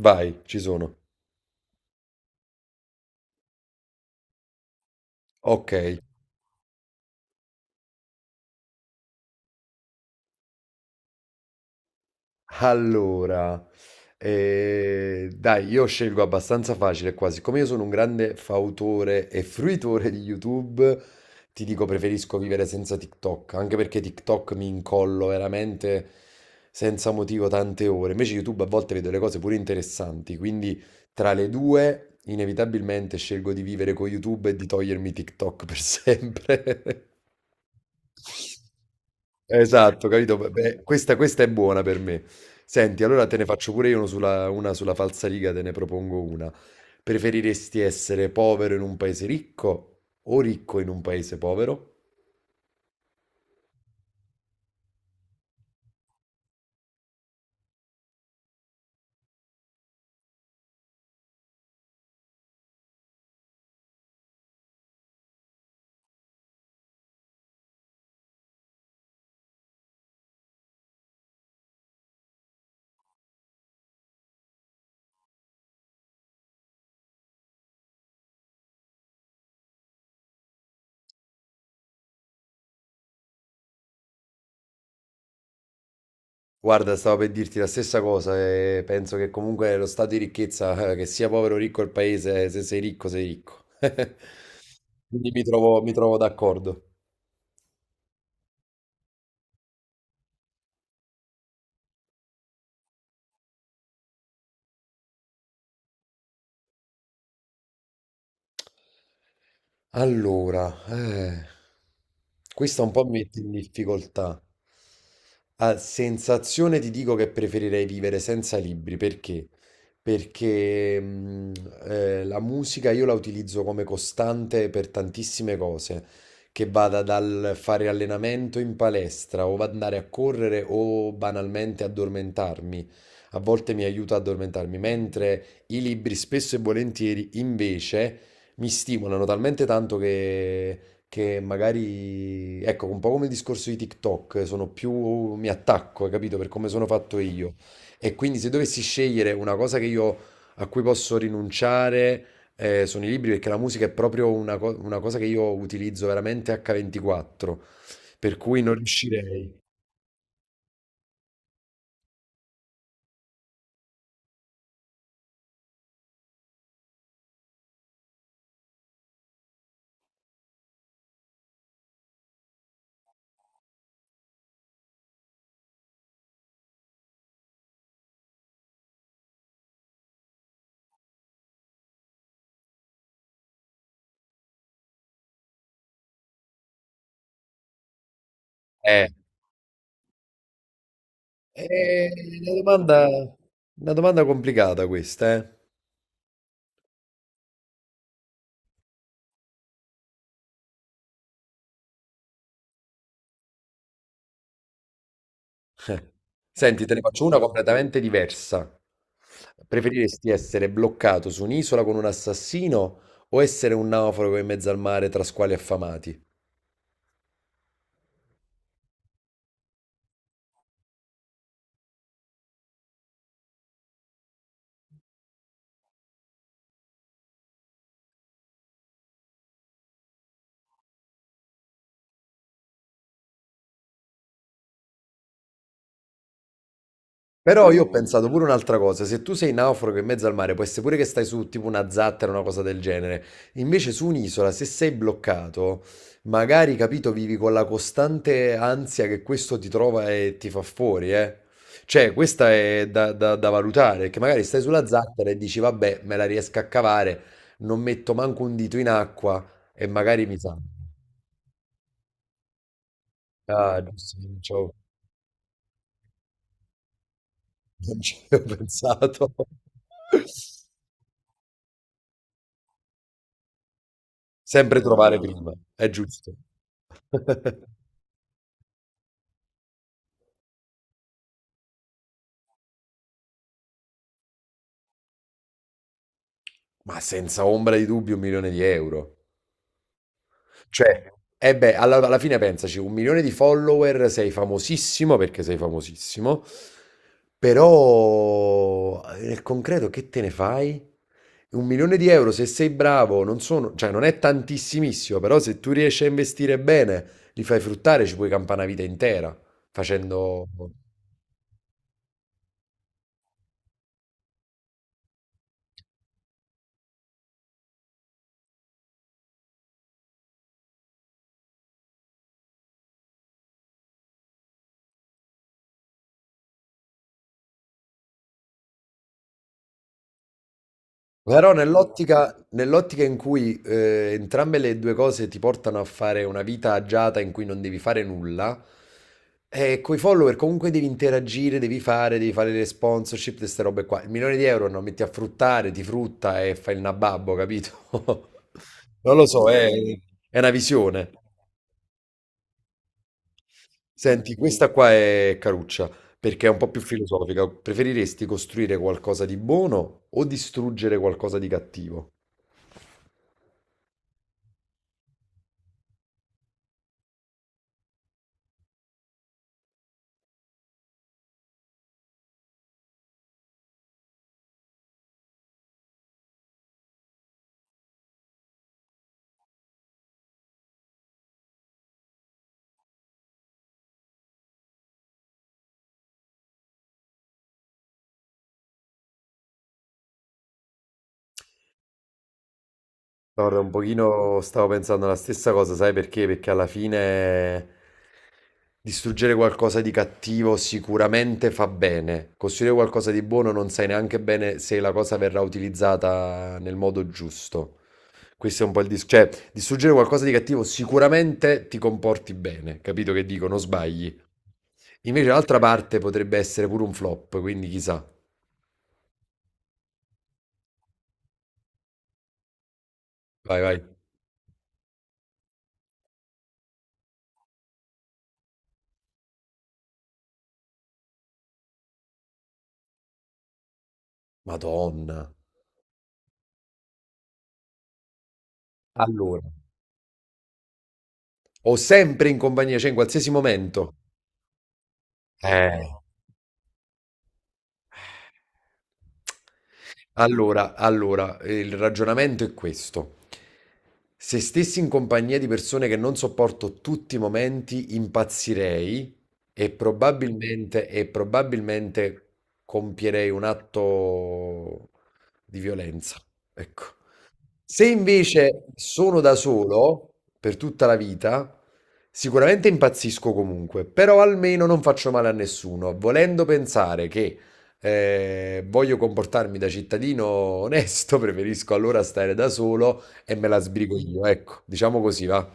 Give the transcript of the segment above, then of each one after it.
Vai, ci sono. Ok, allora, dai, io scelgo abbastanza facile qua. Siccome io sono un grande fautore e fruitore di YouTube, ti dico preferisco vivere senza TikTok, anche perché TikTok mi incollo veramente senza motivo tante ore. Invece YouTube a volte vedo le cose pure interessanti, quindi tra le due inevitabilmente scelgo di vivere con YouTube e di togliermi TikTok per sempre. Esatto, capito? Beh, questa è buona per me. Senti, allora te ne faccio pure io una sulla falsariga, te ne propongo una. Preferiresti essere povero in un paese ricco o ricco in un paese povero? Guarda, stavo per dirti la stessa cosa e penso che comunque lo stato di ricchezza, che sia povero o ricco il paese, se sei ricco sei ricco. Quindi mi trovo d'accordo. Allora, questa un po' mi mette in difficoltà. A sensazione ti dico che preferirei vivere senza libri, perché? Perché la musica io la utilizzo come costante per tantissime cose, che vada dal fare allenamento in palestra o andare a correre o banalmente addormentarmi. A volte mi aiuta ad addormentarmi, mentre i libri spesso e volentieri invece mi stimolano talmente tanto che magari, ecco, un po' come il discorso di TikTok, sono più, mi attacco, hai capito, per come sono fatto io. E quindi se dovessi scegliere una cosa che io, a cui posso rinunciare, sono i libri, perché la musica è proprio una, una cosa che io utilizzo veramente H24, per cui non riuscirei. Eh, è una domanda complicata questa, eh. Senti, te ne faccio una completamente diversa. Preferiresti essere bloccato su un'isola con un assassino o essere un naufrago in mezzo al mare tra squali affamati? Però io pensato pure un'altra cosa, se tu sei naufrago in mezzo al mare, può essere pure che stai su tipo una zattera o una cosa del genere, invece su un'isola, se sei bloccato, magari, capito, vivi con la costante ansia che questo ti trova e ti fa fuori, eh. Cioè, questa è da valutare, che magari stai sulla zattera e dici, vabbè, me la riesco a cavare, non metto manco un dito in acqua e magari mi sa. Ah, giusto, non ci avevo non ci avevo pensato. Sempre trovare. Ah, prima, è giusto. Ma senza ombra di dubbio, 1.000.000 di euro. Cioè, e beh, alla fine pensaci, un milione di follower, sei famosissimo perché sei famosissimo, però nel concreto che te ne fai? Un milione di euro, se sei bravo, non sono, cioè non è tantissimissimo, però se tu riesci a investire bene, li fai fruttare, ci puoi campare una vita intera facendo... Però nell'ottica in cui entrambe le due cose ti portano a fare una vita agiata in cui non devi fare nulla, coi follower comunque devi interagire, devi fare le sponsorship, queste robe qua. Il milione di euro non metti a fruttare, ti frutta e fai il nababbo, capito? Non lo so, è una visione. Senti, questa qua è caruccia, perché è un po' più filosofica. Preferiresti costruire qualcosa di buono o distruggere qualcosa di cattivo? Guarda, un pochino stavo pensando la stessa cosa, sai perché? Perché alla fine distruggere qualcosa di cattivo sicuramente fa bene. Costruire qualcosa di buono non sai neanche bene se la cosa verrà utilizzata nel modo giusto. Questo è un po' il discorso. Cioè, distruggere qualcosa di cattivo sicuramente ti comporti bene, capito che dico? Non sbagli. Invece l'altra parte potrebbe essere pure un flop, quindi chissà. Vai, vai. Madonna. Allora. Ho sempre in compagnia, cioè in qualsiasi momento. Eh, Allora, allora, il ragionamento è questo. Se stessi in compagnia di persone che non sopporto tutti i momenti, impazzirei e probabilmente compierei un atto di violenza. Ecco. Se invece sono da solo per tutta la vita, sicuramente impazzisco comunque, però almeno non faccio male a nessuno, volendo pensare che voglio comportarmi da cittadino onesto, preferisco allora stare da solo e me la sbrigo io, ecco, diciamo così, va.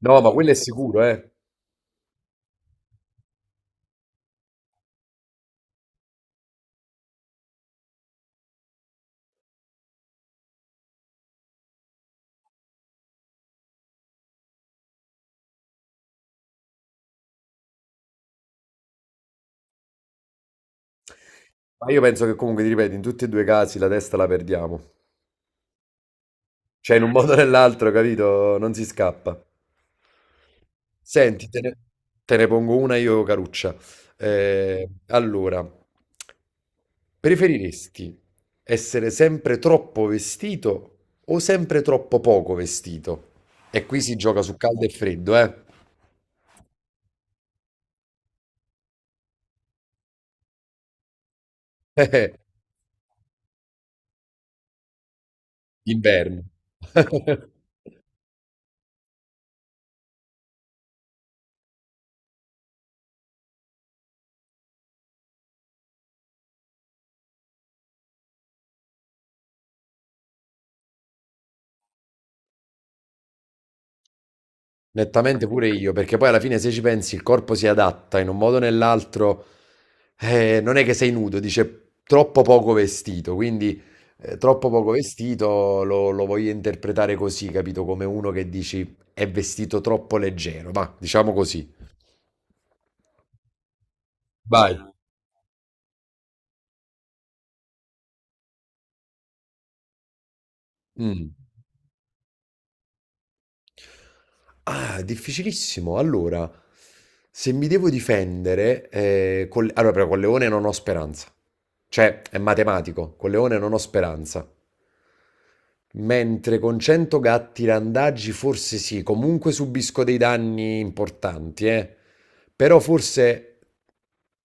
No, ma quello è sicuro, eh. Ma io penso che comunque, ti ripeto, in tutti e due i casi la testa la perdiamo. Cioè, in un modo o nell'altro, capito? Non si scappa. Senti, te ne pongo una io, Caruccia. Allora, preferiresti essere sempre troppo vestito o sempre troppo poco vestito? E qui si gioca su caldo e freddo, eh? Inverno. Nettamente pure io, perché poi alla fine se ci pensi il corpo si adatta in un modo o nell'altro, non è che sei nudo, dice troppo poco vestito, quindi troppo poco vestito lo voglio interpretare così, capito? Come uno che dici è vestito troppo leggero, ma diciamo così. Vai. Mm. Ah, difficilissimo. Allora, se mi devo difendere, allora però con Leone non ho speranza, cioè è matematico, con Leone non ho speranza. Mentre con 100 gatti randagi forse sì, comunque subisco dei danni importanti, eh. Però forse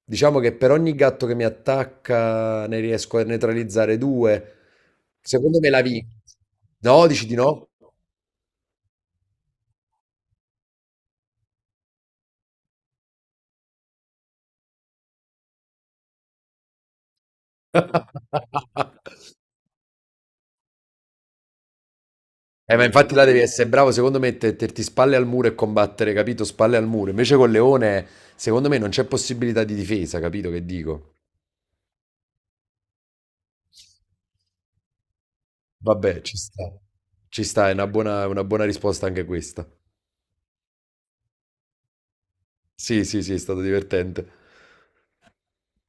diciamo che per ogni gatto che mi attacca ne riesco a neutralizzare due. Secondo me la vinco. No, dici di no? Ma infatti là devi essere bravo, secondo me, metterti spalle al muro e combattere, capito? Spalle al muro. Invece col leone, secondo me, non c'è possibilità di difesa, capito che dico? Vabbè, ci sta. Ci sta, è una buona risposta anche questa. Sì, sì, sì, è stato divertente.